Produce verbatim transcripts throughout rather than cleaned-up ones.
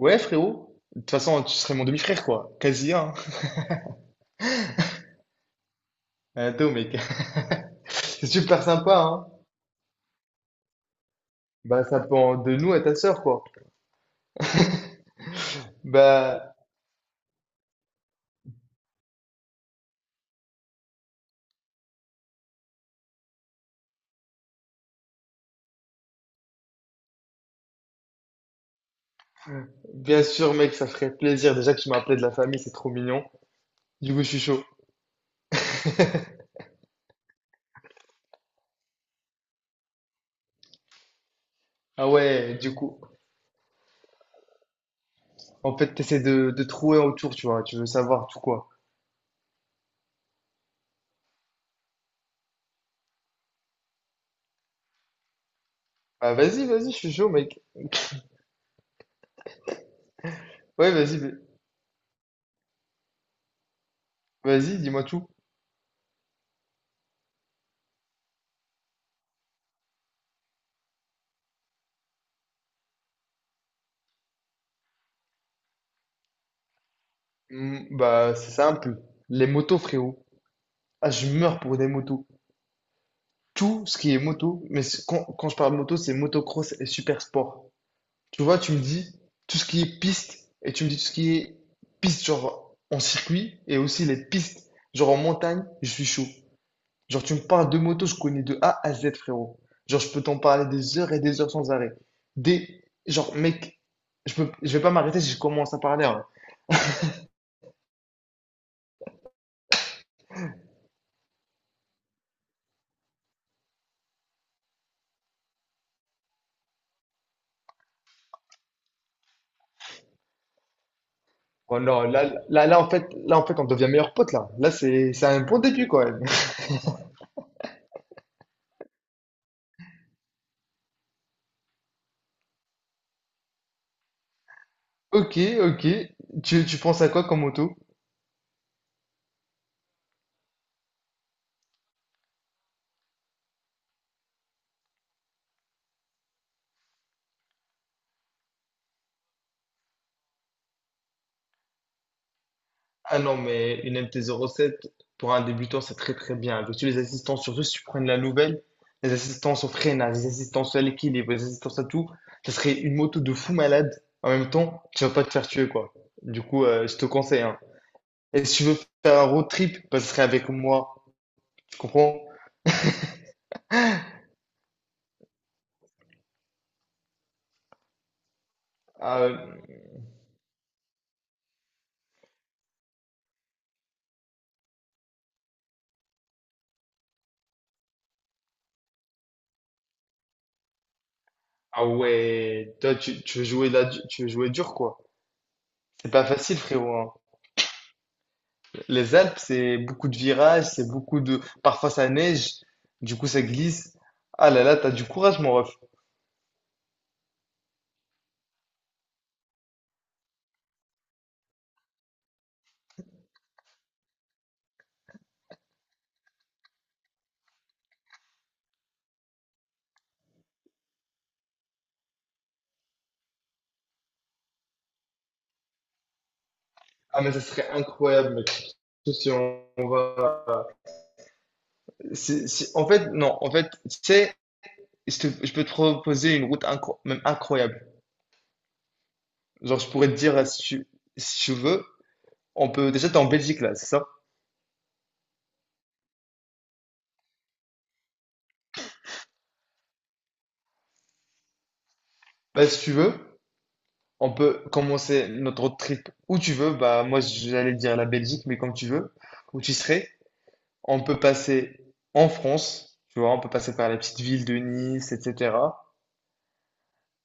Ouais, frérot. De toute façon, tu serais mon demi-frère, quoi. Quasi, hein. Attends, mec. C'est super sympa, hein. Bah, ça dépend de nous à ta sœur, quoi. Bah, bien sûr, mec, ça ferait plaisir. Déjà que tu m'as appelé de la famille, c'est trop mignon. Du coup, je suis chaud. Ah ouais, du coup. En fait, t'essaies de, de trouver autour, tu vois. Tu veux savoir tout quoi. Ah vas-y, vas-y, je suis chaud, mec. Ouais, vas-y, vas- vas-y, dis-moi tout. Hmm, bah, c'est simple. Les motos, frérot. Ah, je meurs pour des motos. Tout ce qui est moto, mais c- quand, quand je parle moto, c'est motocross et super sport. Tu vois, tu me dis tout ce qui est piste et tu me dis tout ce qui est piste, genre en circuit et aussi les pistes, genre en montagne, je suis chaud. Genre, tu me parles de moto, je connais de A à Z, frérot. Genre, je peux t'en parler des heures et des heures sans arrêt. Des, genre, mec, je peux, je vais pas m'arrêter si je commence à parler, hein. Oh non, là, là, là, en fait, là, en fait, on devient meilleurs potes là. Là, c'est, c'est un bon début, quand même. Ok, ok. Tu, tu penses à quoi comme moto? Ah non, mais une M T zéro sept, pour un débutant, c'est très très bien. Parce que les assistants, surtout si tu prends de la nouvelle, les assistances au freinage, les assistances à l'équilibre, les assistances à tout, ça serait une moto de fou malade. En même temps, tu vas pas te faire tuer, quoi. Du coup, euh, je te conseille, hein. Et si tu veux faire un road trip, bah, ce serait avec moi. Tu comprends? Ah, ah ouais, toi, tu, tu veux jouer là, tu veux jouer dur, quoi. C'est pas facile, frérot, hein. Les Alpes, c'est beaucoup de virages, c'est beaucoup de... Parfois ça neige, du coup ça glisse. Ah là là, t'as du courage, mon ref. Ah, mais ça serait incroyable, mec. Surtout si on on va. C'est- c'est- en fait, non, en fait, tu sais, je, te- je peux te proposer une route incro- même incroyable. Genre, je pourrais te dire, euh, si tu, si tu veux, on peut, déjà, t'es en Belgique, là, c'est ça? Bah, si tu veux, on peut commencer notre road trip où tu veux. Bah, moi, j'allais dire la Belgique, mais comme tu veux, où tu serais. On peut passer en France, tu vois, on peut passer par la petite ville de Nice, et cætera.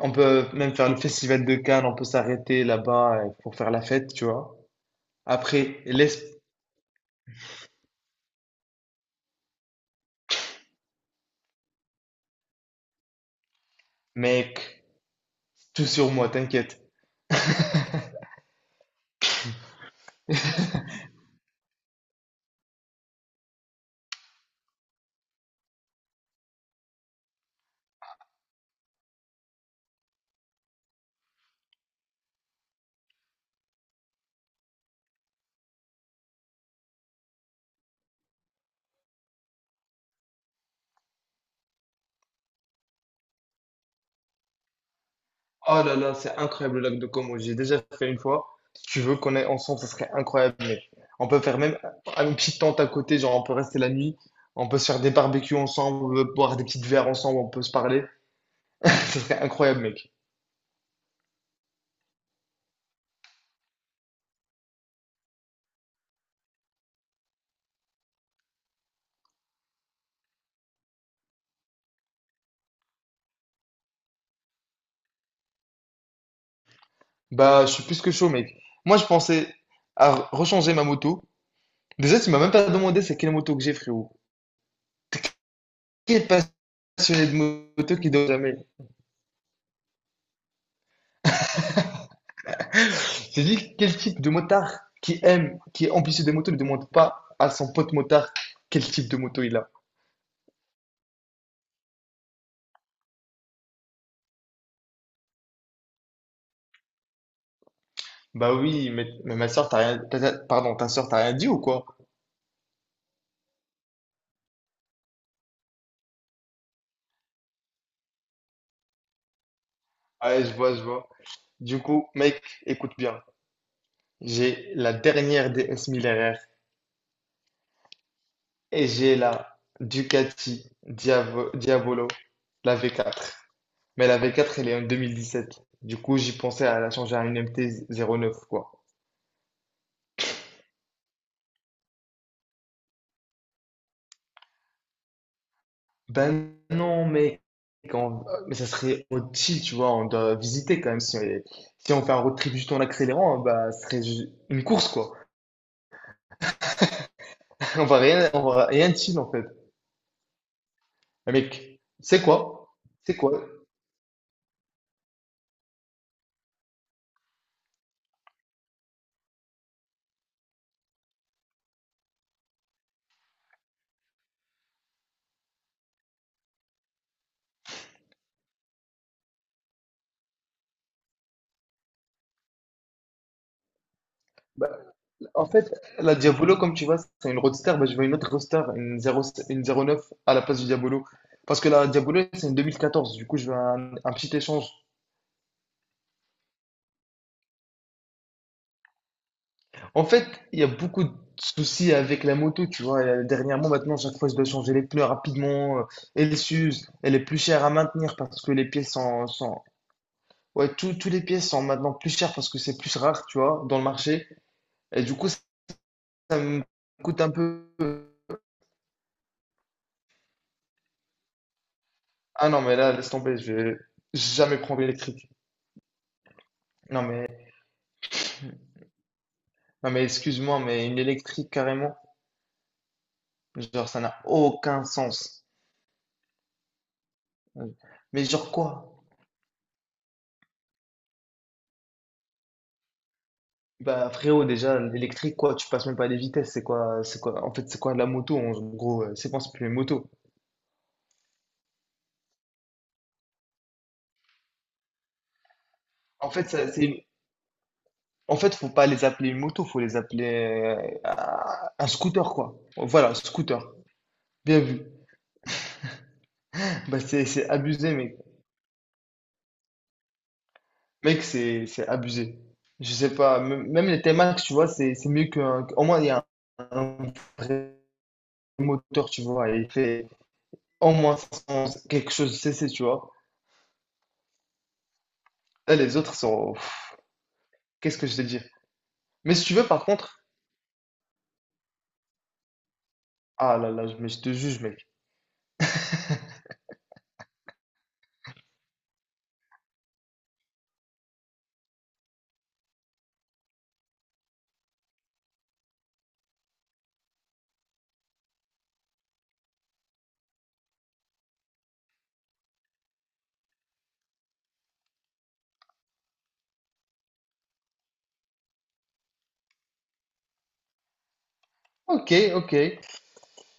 On peut même faire le festival de Cannes, on peut s'arrêter là-bas euh, pour faire la fête, tu vois. Après, laisse, mec, tout sur moi, t'inquiète. Oh là là, c'est incroyable le lac de Como, j'ai déjà fait une fois. Si tu veux qu'on aille ensemble, ça serait incroyable. On peut faire même une petite tente à côté, genre on peut rester la nuit, on peut se faire des barbecues ensemble, boire des petites verres ensemble, on peut se parler. Ça serait incroyable, mec. Bah, je suis plus que chaud, mec. Moi, je pensais à re- rechanger ma moto. Déjà, tu m'as même pas demandé c'est quelle moto que j'ai, frérot. Quel passionné de moto qui donne jamais. J'ai dit, quel type de motard qui aime, qui est ambitieux des motos, ne demande pas à son pote motard quel type de moto il a. Bah oui, mais, mais ma soeur, t'as rien, t'as- t'as- pardon, ta soeur, t'as rien dit ou quoi? Ouais, je vois, je vois. Du coup, mec, écoute bien. J'ai la dernière D S mille deux R et j'ai la Ducati Diavo- Diavolo, la V quatre. Mais la V quatre, elle est en deux mille dix-sept. Du coup, j'y pensais à la changer à une M T zéro neuf, quoi. Ben non, mais, quand... mais ça serait utile, tu vois. On doit visiter quand même. Si, on, si on fait un road trip juste en accélérant, bah, ce serait ju- une course, quoi. On va rien, on va rien chill, en fait. Mais mec, c'est quoi? C'est quoi? Bah, en fait, la Diabolo, comme tu vois, c'est une roadster. Bah, je veux une autre roadster, une zéro, une zéro neuf à la place du Diabolo. Parce que la Diabolo, c'est une deux mille quatorze. Du coup, je veux un, un petit échange. En fait, il y a beaucoup de soucis avec la moto, tu vois. Euh, Dernièrement, maintenant, chaque fois, je dois changer les pneus rapidement. euh, Elle s'use. Elle est plus chère à maintenir parce que les pièces sont, sont... Ouais, tout- tous les pièces sont maintenant plus chères parce que c'est plus rare, tu vois, dans le marché. Et du coup, ça, ça me coûte un peu... euh, Ah non, mais là, laisse tomber, je vais jamais prendre l'électrique. Non, mais, non, mais excuse-moi, mais une électrique, carrément, genre, ça n'a aucun sens. Euh, Mais genre quoi? Bah frérot, déjà l'électrique quoi, tu passes même pas les vitesses, c'est quoi, c'est quoi, en fait c'est quoi la moto en gros, euh, c'est quoi, c'est plus une moto. En fait ça, c'est, une- en fait faut pas les appeler une moto, faut les appeler euh, un scooter quoi. Voilà, scooter. Bien vu. Bah c'est c'est abusé mec, mec c'est c'est abusé. Je sais pas, même même les T-Max tu vois, c'est c'est mieux qu'un, au moins il y a un, un vrai moteur tu vois, et il fait au moins cinq cents, quelque chose C C tu vois. Là les autres sont, pff, qu'est-ce que je te dis. Mais si tu veux, par contre. Ah là là, mais je te juge, mec. Ok, ok.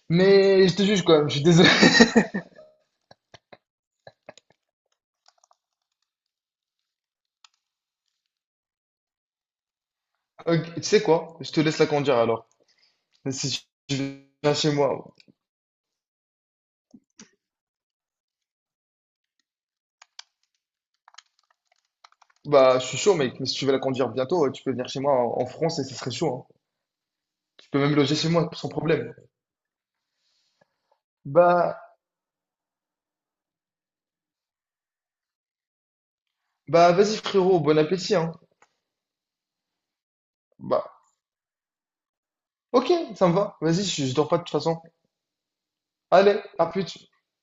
Mais je te juge quand même, je suis désolé. Ok, tu sais quoi? Je te laisse la conduire alors. Mais si tu viens chez moi, bah je suis chaud, mec. Mais si tu veux la conduire bientôt, tu peux venir chez moi en, en France et ce serait chaud, hein. Tu peux même loger chez moi sans problème. Bah, bah vas-y, frérot, bon appétit, hein. Bah, ok, ça me va. Vas-y, je, je dors pas de toute façon. Allez, à plus.